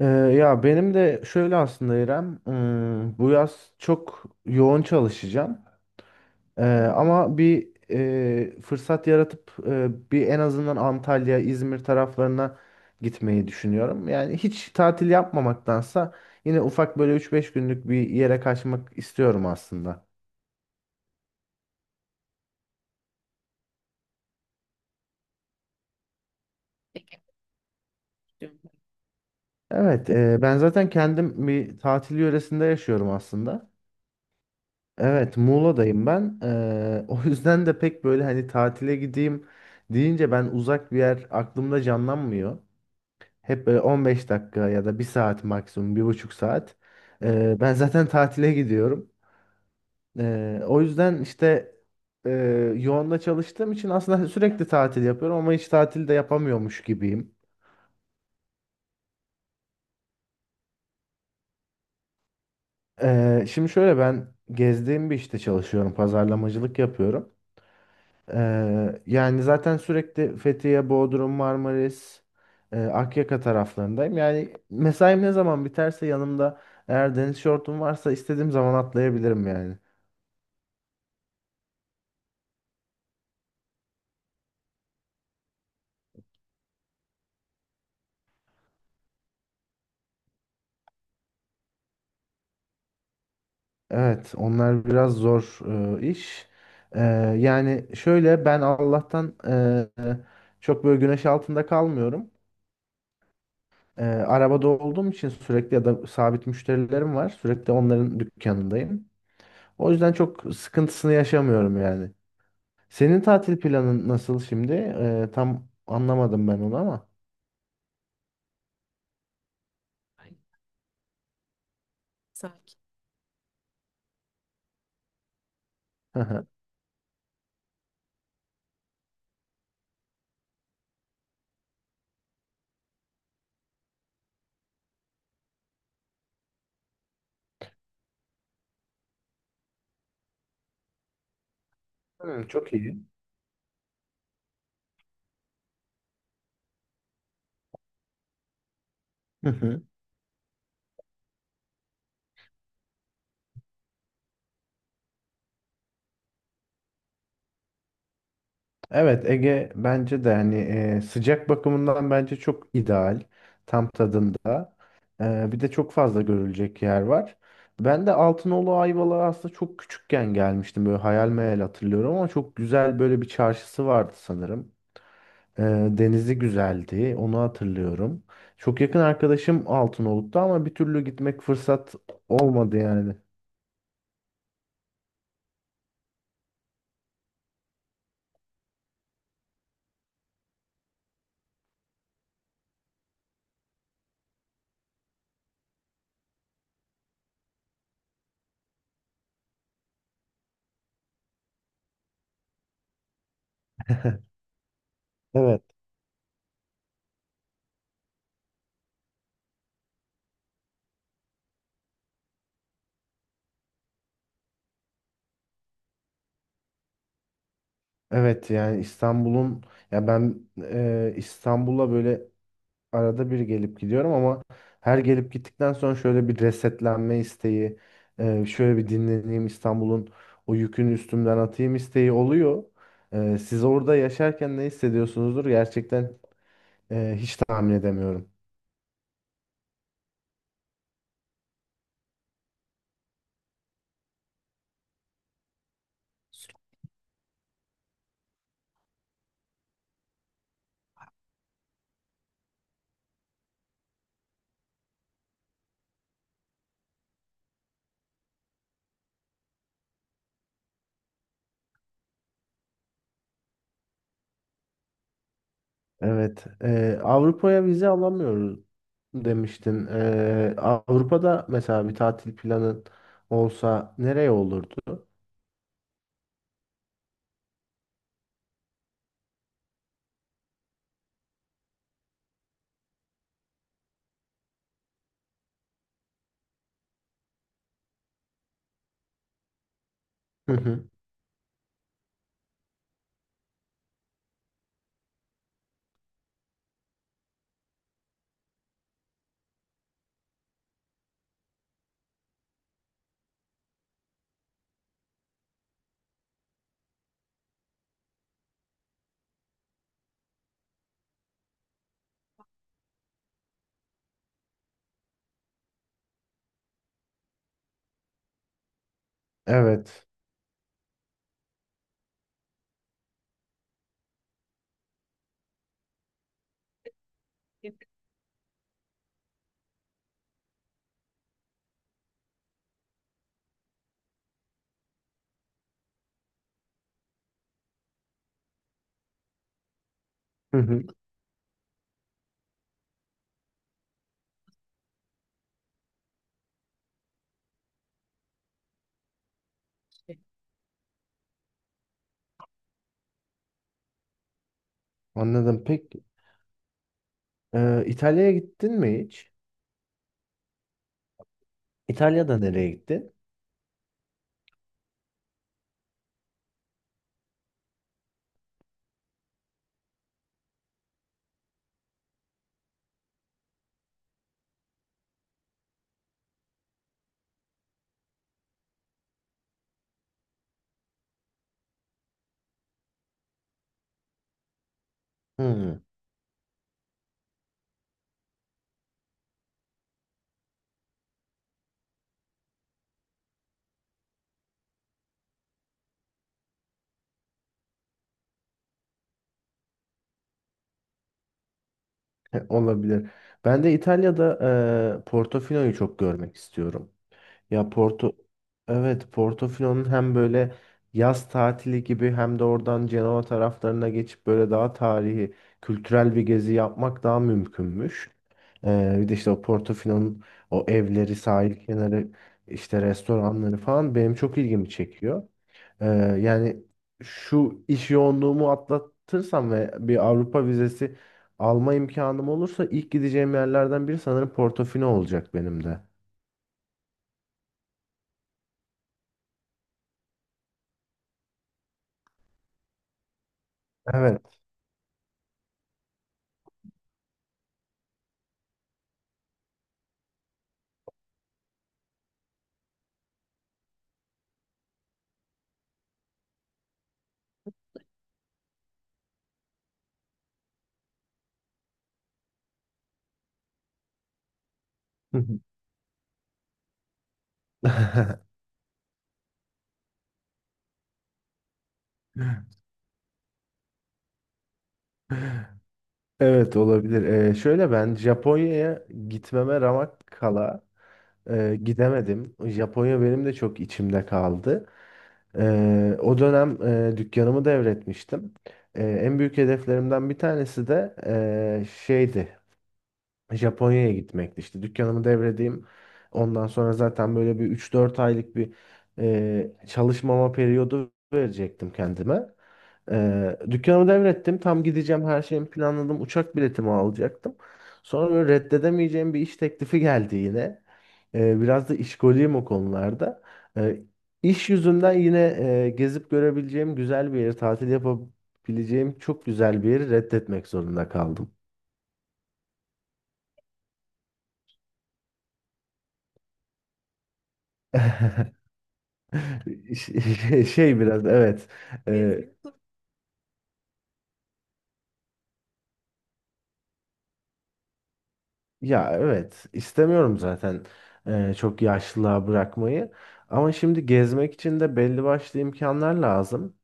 Ya benim de şöyle aslında İrem, bu yaz çok yoğun çalışacağım. Ama bir fırsat yaratıp bir en azından Antalya, İzmir taraflarına gitmeyi düşünüyorum. Yani hiç tatil yapmamaktansa yine ufak böyle üç beş günlük bir yere kaçmak istiyorum aslında. Evet, ben zaten kendim bir tatil yöresinde yaşıyorum aslında. Evet, Muğla'dayım ben. O yüzden de pek böyle hani tatile gideyim deyince ben uzak bir yer aklımda canlanmıyor. Hep böyle 15 dakika ya da bir saat maksimum, bir buçuk saat. Ben zaten tatile gidiyorum. O yüzden işte e, yoğunla çalıştığım için aslında sürekli tatil yapıyorum ama hiç tatil de yapamıyormuş gibiyim. Şimdi şöyle ben gezdiğim bir işte çalışıyorum, pazarlamacılık yapıyorum. Yani zaten sürekli Fethiye, Bodrum, Marmaris, Akyaka taraflarındayım. Yani mesaim ne zaman biterse yanımda eğer deniz şortum varsa istediğim zaman atlayabilirim yani. Evet, onlar biraz zor iş. E, Yani şöyle ben Allah'tan çok böyle güneş altında kalmıyorum. Arabada olduğum için sürekli ya da sabit müşterilerim var. Sürekli onların dükkanındayım. O yüzden çok sıkıntısını yaşamıyorum yani. Senin tatil planın nasıl şimdi? Tam anlamadım ben onu ama. Hı hı. Hı, çok iyi. Hı hı. Evet, Ege bence de hani sıcak bakımından bence çok ideal. Tam tadında. Bir de çok fazla görülecek yer var. Ben de Altınoluk Ayvalık'a aslında çok küçükken gelmiştim. Böyle hayal meyal hatırlıyorum ama çok güzel böyle bir çarşısı vardı sanırım. Ee, Denizi güzeldi. Onu hatırlıyorum. Çok yakın arkadaşım Altınoluk'ta ama bir türlü gitmek fırsat olmadı yani. Evet. Evet, yani İstanbul'un ya ben e, İstanbul'a böyle arada bir gelip gidiyorum ama her gelip gittikten sonra şöyle bir resetlenme isteği, şöyle bir dinleneyim, İstanbul'un o yükünü üstümden atayım isteği oluyor. Siz orada yaşarken ne hissediyorsunuzdur gerçekten, hiç tahmin edemiyorum. Evet. Avrupa'ya vize alamıyoruz demiştin. Avrupa'da mesela bir tatil planın olsa nereye olurdu? Hı hı. Evet. Hı hı. Anladım. Peki İtalya'ya gittin mi hiç? İtalya'da nereye gittin? Hmm. Olabilir. Ben de İtalya'da Portofino'yu çok görmek istiyorum. Ya Porto, evet, Portofino'nun hem böyle yaz tatili gibi hem de oradan Cenova taraflarına geçip böyle daha tarihi, kültürel bir gezi yapmak daha mümkünmüş. Bir de işte o Portofino'nun o evleri, sahil kenarı, işte restoranları falan benim çok ilgimi çekiyor. Ee, Yani şu iş yoğunluğumu atlatırsam ve bir Avrupa vizesi alma imkanım olursa ilk gideceğim yerlerden biri sanırım Portofino olacak benim de. Evet. Evet, olabilir. Şöyle ben Japonya'ya gitmeme ramak kala gidemedim. Japonya benim de çok içimde kaldı. O dönem dükkanımı devretmiştim. En büyük hedeflerimden bir tanesi de şeydi. Japonya'ya gitmekti. İşte dükkanımı devredeyim. Ondan sonra zaten böyle bir üç dört aylık bir çalışmama periyodu verecektim kendime. Dükkanımı devrettim. Tam gideceğim, her şeyimi planladım. Uçak biletimi alacaktım. Sonra böyle reddedemeyeceğim bir iş teklifi geldi yine. Biraz da işkoliyim o konularda. E, iş yüzünden yine gezip görebileceğim güzel bir yeri, tatil yapabileceğim çok güzel bir yeri reddetmek zorunda kaldım. Şey şey biraz evet. Rezil. Ya evet, istemiyorum zaten çok yaşlılığa bırakmayı. Ama şimdi gezmek için de belli başlı imkanlar lazım.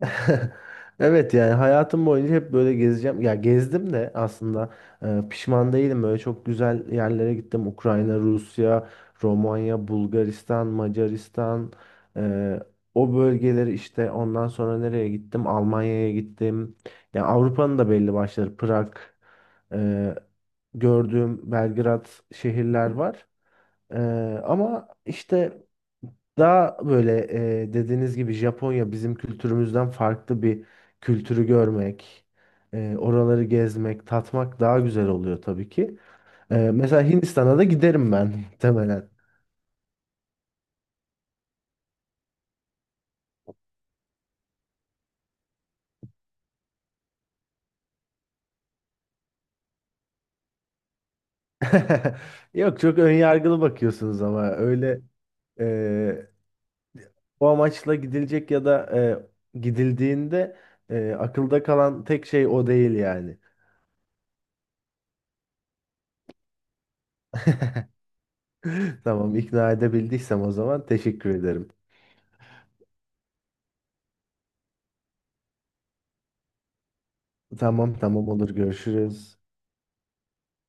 Evet, yani hayatım boyunca hep böyle gezeceğim. Ya gezdim de aslında, pişman değilim. Böyle çok güzel yerlere gittim. Ukrayna, Rusya, Romanya, Bulgaristan, Macaristan. e, O bölgeleri işte ondan sonra nereye gittim? Almanya'ya gittim. Ya Avrupa'nın da belli başları. Prag, e, gördüğüm Belgrad şehirler var. Ee, ama işte daha böyle, dediğiniz gibi Japonya bizim kültürümüzden farklı bir kültürü görmek, oraları gezmek, tatmak daha güzel oluyor tabii ki. Mesela Hindistan'a da giderim ben muhtemelen. Yok, çok önyargılı bakıyorsunuz ama öyle e, o amaçla gidilecek ya da gidildiğinde akılda kalan tek şey o değil yani. Tamam, ikna edebildiysem o zaman teşekkür ederim. Tamam tamam, olur, görüşürüz.